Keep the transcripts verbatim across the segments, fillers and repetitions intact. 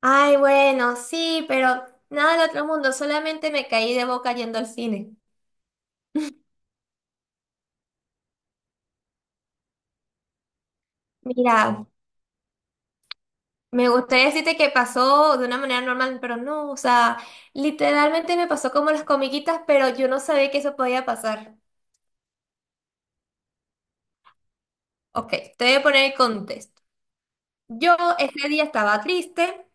Ay, bueno, sí, pero nada del otro mundo, solamente me caí de boca yendo al cine. Mira, me gustaría decirte que pasó de una manera normal, pero no, o sea, literalmente me pasó como las comiquitas, pero yo no sabía que eso podía pasar. Ok, te voy a poner el contexto. Yo ese día estaba triste,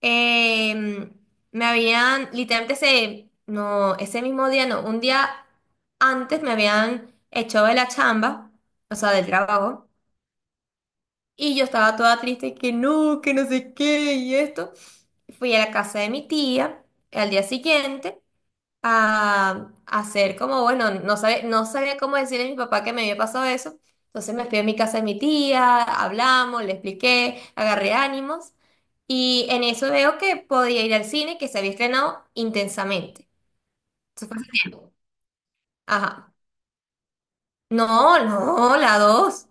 em, me habían, literalmente ese, no, ese mismo día, no, un día antes me habían echado de la chamba, o sea, del trabajo. Y yo estaba toda triste que no, que no sé qué y esto. Fui a la casa de mi tía al día siguiente a, a hacer como, bueno, no sabía, no sabía cómo decirle a mi papá que me había pasado eso. Entonces me fui a mi casa de mi tía, hablamos, le expliqué, agarré ánimos y en eso veo que podía ir al cine que se había estrenado intensamente. Eso fue hace tiempo. Ajá. No, no, la dos.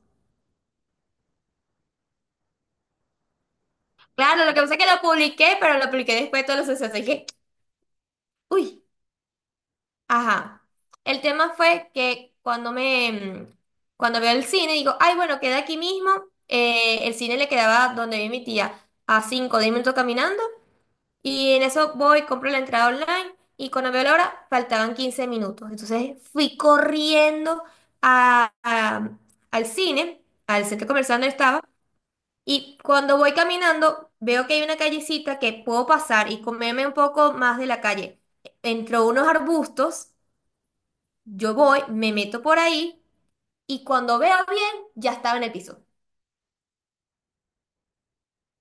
Claro, lo que pasa es que lo publiqué, pero lo publiqué después de todos los sucesos. Dije, uy. Ajá. El tema fue que cuando me, mm, cuando veo el cine, digo, ay, bueno, queda aquí mismo. Eh, el cine le quedaba donde vive mi tía, a cinco o diez minutos caminando. Y en eso voy, compro la entrada online. Y cuando veo la hora, faltaban quince minutos. Entonces fui corriendo a- a- al cine, al centro comercial donde estaba. Y cuando voy caminando, veo que hay una callecita que puedo pasar y comerme un poco más de la calle. Entró unos arbustos. Yo voy, me meto por ahí y cuando veo bien, ya estaba en el piso.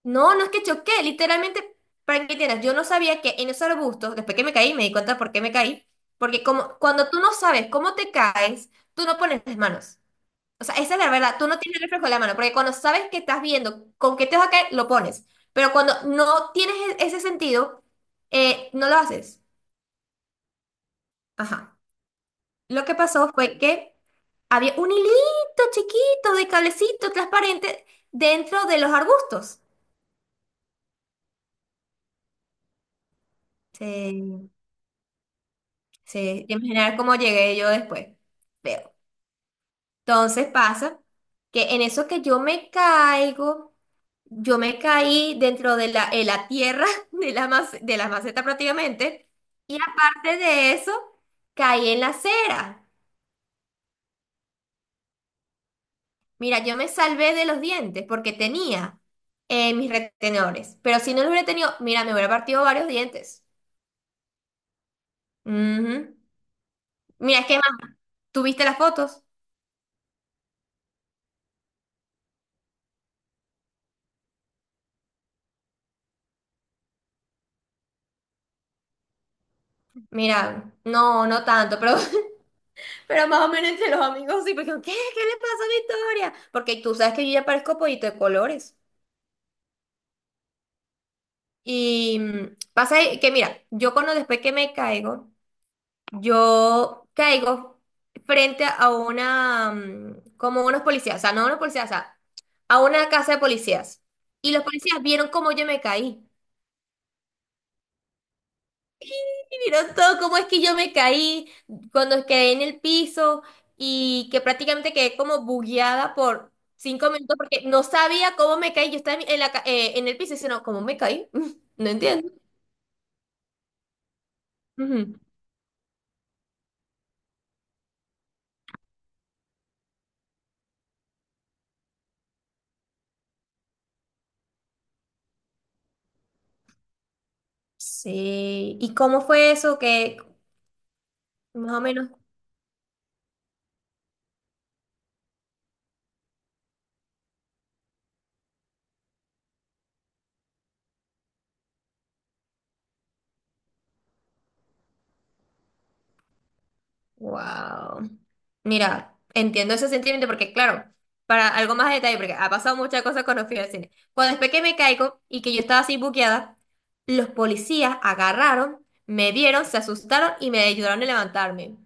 No, no es que choqué, literalmente, para que tienes, yo no sabía que en esos arbustos, después que me caí, me di cuenta por qué me caí, porque como cuando tú no sabes cómo te caes, tú no pones las manos. O sea, esa es la verdad, tú no tienes el reflejo de la mano, porque cuando sabes que estás viendo con qué te vas a caer, lo pones. Pero cuando no tienes e- ese sentido, eh, no lo haces. Ajá. Lo que pasó fue que había un hilito chiquito de cablecito transparente dentro de los arbustos. Sí, sí. Imaginar cómo llegué yo después. Veo. Entonces pasa que en eso que yo me caigo, yo me caí dentro de la, en la tierra de la, mace- de la maceta prácticamente. Y aparte de eso, caí en la acera. Mira, yo me salvé de los dientes porque tenía eh, mis retenedores. Pero si no los hubiera tenido, mira, me hubiera partido varios dientes. Ujú. Mira, es que más, ¿tuviste las fotos? Mira, no, no tanto, pero, pero más o menos entre los amigos sí, porque ¿qué? ¿Qué le pasa a Victoria? Porque tú sabes que yo ya parezco pollito de colores. Y mm, pasa que, mira, yo cuando después que me caigo, yo caigo frente a una, mm, como unos policías, o sea, no unos policías, o sea, a una casa de policías. Y los policías vieron cómo yo me caí. Y vieron todo cómo es que yo me caí, cuando quedé en el piso y que prácticamente quedé como bugueada por cinco minutos porque no sabía cómo me caí. Yo estaba en la, ca- eh, en el piso y diciendo, ¿cómo me caí? No entiendo. Ujú. Sí. ¿Y cómo fue eso? Que más o menos. Wow. Mira, entiendo ese sentimiento porque, claro, para algo más de detalle, porque ha pasado muchas cosas cuando fui al cine. Cuando después que me caigo y que yo estaba así buqueada, los policías agarraron, me vieron, se asustaron y me ayudaron a levantarme.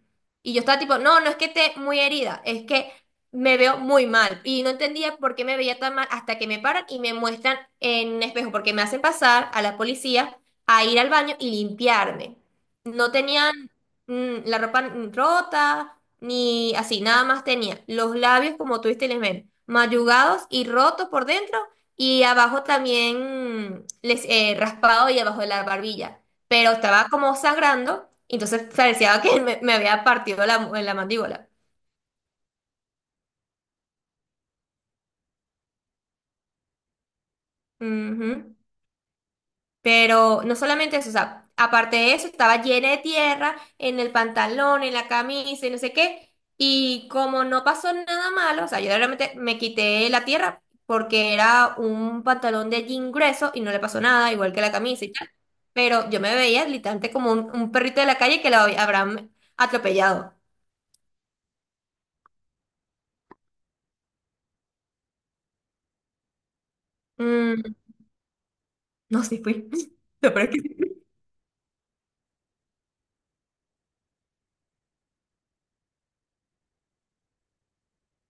Y yo estaba tipo, no, no es que esté muy herida, es que me veo muy mal. Y no entendía por qué me veía tan mal hasta que me paran y me muestran en un espejo, porque me hacen pasar a la policía a ir al baño y limpiarme. No tenían mm, la ropa n- rota, ni así, nada más tenía los labios, como tú viste, les ven, mayugados y rotos por dentro, y abajo también mm, les eh, raspado y abajo de la barbilla. Pero estaba como sangrando, entonces parecía que me, me había partido la, mu- la mandíbula. Ujú. Pero no solamente eso, o sea, aparte de eso, estaba llena de tierra en el pantalón, en la camisa y no sé qué. Y como no pasó nada malo, o sea, yo realmente me quité la tierra porque era un pantalón de jean grueso y no le pasó nada, igual que la camisa y tal. Pero yo me veía literalmente como un, un perrito de la calle que lo hab- habrán atropellado. Mm, no, sí fui. Lo peor es que sí.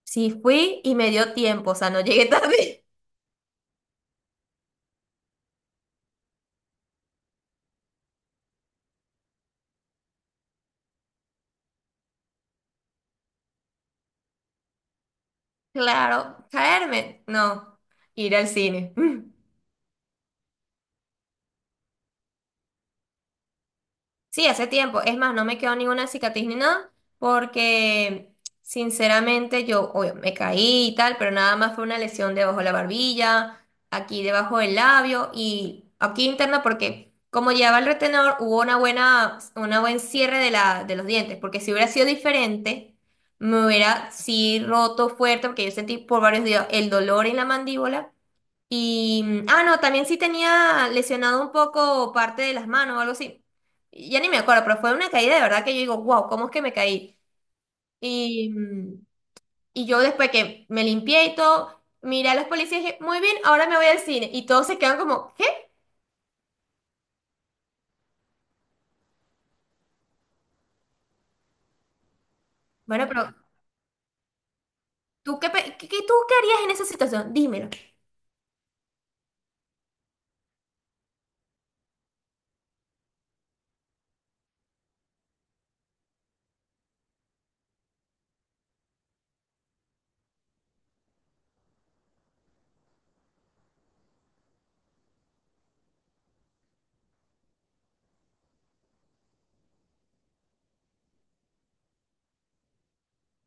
Sí fui y me dio tiempo, o sea, no llegué tarde. Claro, caerme, no, ir al cine. Sí, hace tiempo. Es más, no me quedó ninguna cicatriz ni nada, porque sinceramente yo, obvio, me caí y tal, pero nada más fue una lesión debajo de la barbilla, aquí debajo del labio y aquí interna, porque como llevaba el retenedor, hubo una buena, una buen cierre de la, de los dientes, porque si hubiera sido diferente, me hubiera sí roto fuerte, porque yo sentí por varios días el dolor en la mandíbula y, mm, ah, no, también sí tenía lesionado un poco parte de las manos o algo así. Ya ni me acuerdo, pero fue una caída de verdad que yo digo, wow, ¿cómo es que me caí? Y, mm, y yo después que me limpié y todo, miré a los policías y dije, muy bien, ahora me voy al cine. Y todos se quedan como, ¿qué? Bueno, pero ¿tú qué, pe- qué, qué- tú qué harías en esa situación? Dímelo.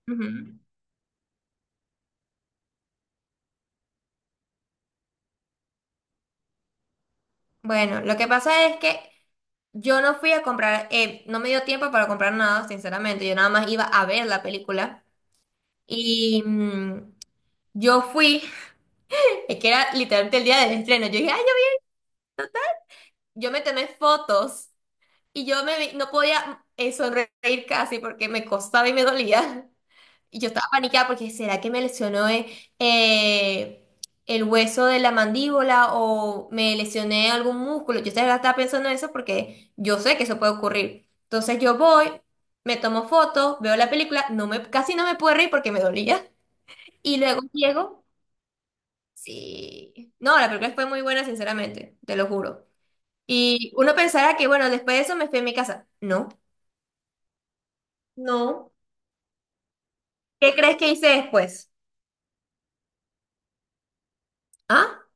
Ujú. Bueno, lo que pasa es que yo no fui a comprar, eh, no me dio tiempo para comprar nada, sinceramente. Yo nada más iba a ver la película. Y, mm, Yo fui, es que era literalmente el día del estreno. Yo dije, ay, yo, yo me tomé fotos y yo me vi- no podía eh, sonreír casi porque me costaba y me dolía. Y yo estaba paniqueada porque, ¿será que me lesionó eh, eh, el hueso de la mandíbula o me lesioné algún músculo? Yo estaba estaba pensando en eso porque yo sé que eso puede ocurrir. Entonces yo voy, me tomo fotos, veo la película, no me, casi no me puedo reír porque me dolía. Y luego llego. Sí. No, la película fue muy buena, sinceramente, te lo juro. Y uno pensará que, bueno, después de eso me fui a mi casa. No. No, ¿qué crees que hice después? ¿Ah?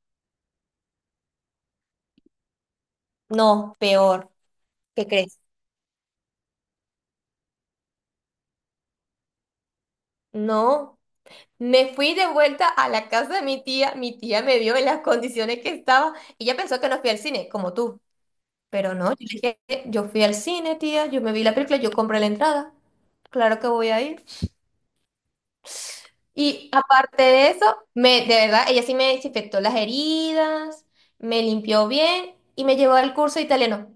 No, peor. ¿Qué crees? No, me fui de vuelta a la casa de mi tía. Mi tía me vio en las condiciones que estaba. Ella pensó que no fui al cine, como tú. Pero no, yo le dije, yo fui al cine, tía. Yo me vi la película, yo compré la entrada. Claro que voy a ir. Y aparte de eso, me, de verdad, ella sí me desinfectó las heridas, me limpió bien y me llevó al curso de italiano.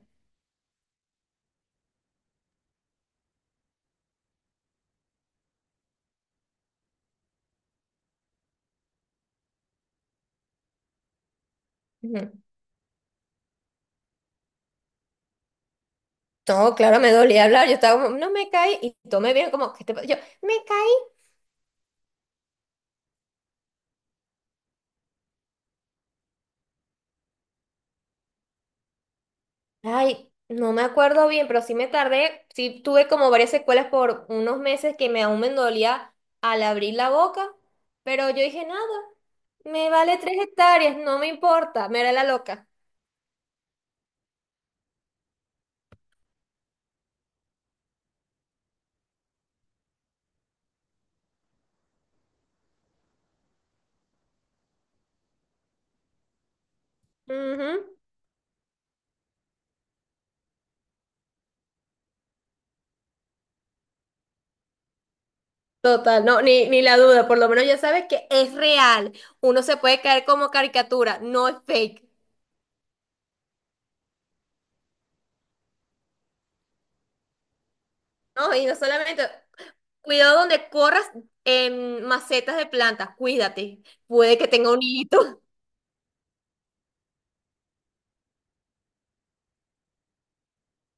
Ujú. No, claro, me dolía hablar. Yo estaba como, no me caí. Y tomé bien, como, que yo, me caí. Ay, no me acuerdo bien, pero sí me tardé. Sí tuve como varias secuelas por unos meses que me aún me dolía al abrir la boca. Pero yo dije, nada, me vale tres hectáreas, no me importa, me era la loca. Ujú. Total, no, ni, ni la duda, por lo menos ya sabes que es real. Uno se puede caer como caricatura, no es fake. No, y no solamente, cuidado donde corras en macetas de plantas, cuídate, puede que tenga un hito.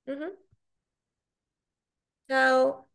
Ujú, Chao.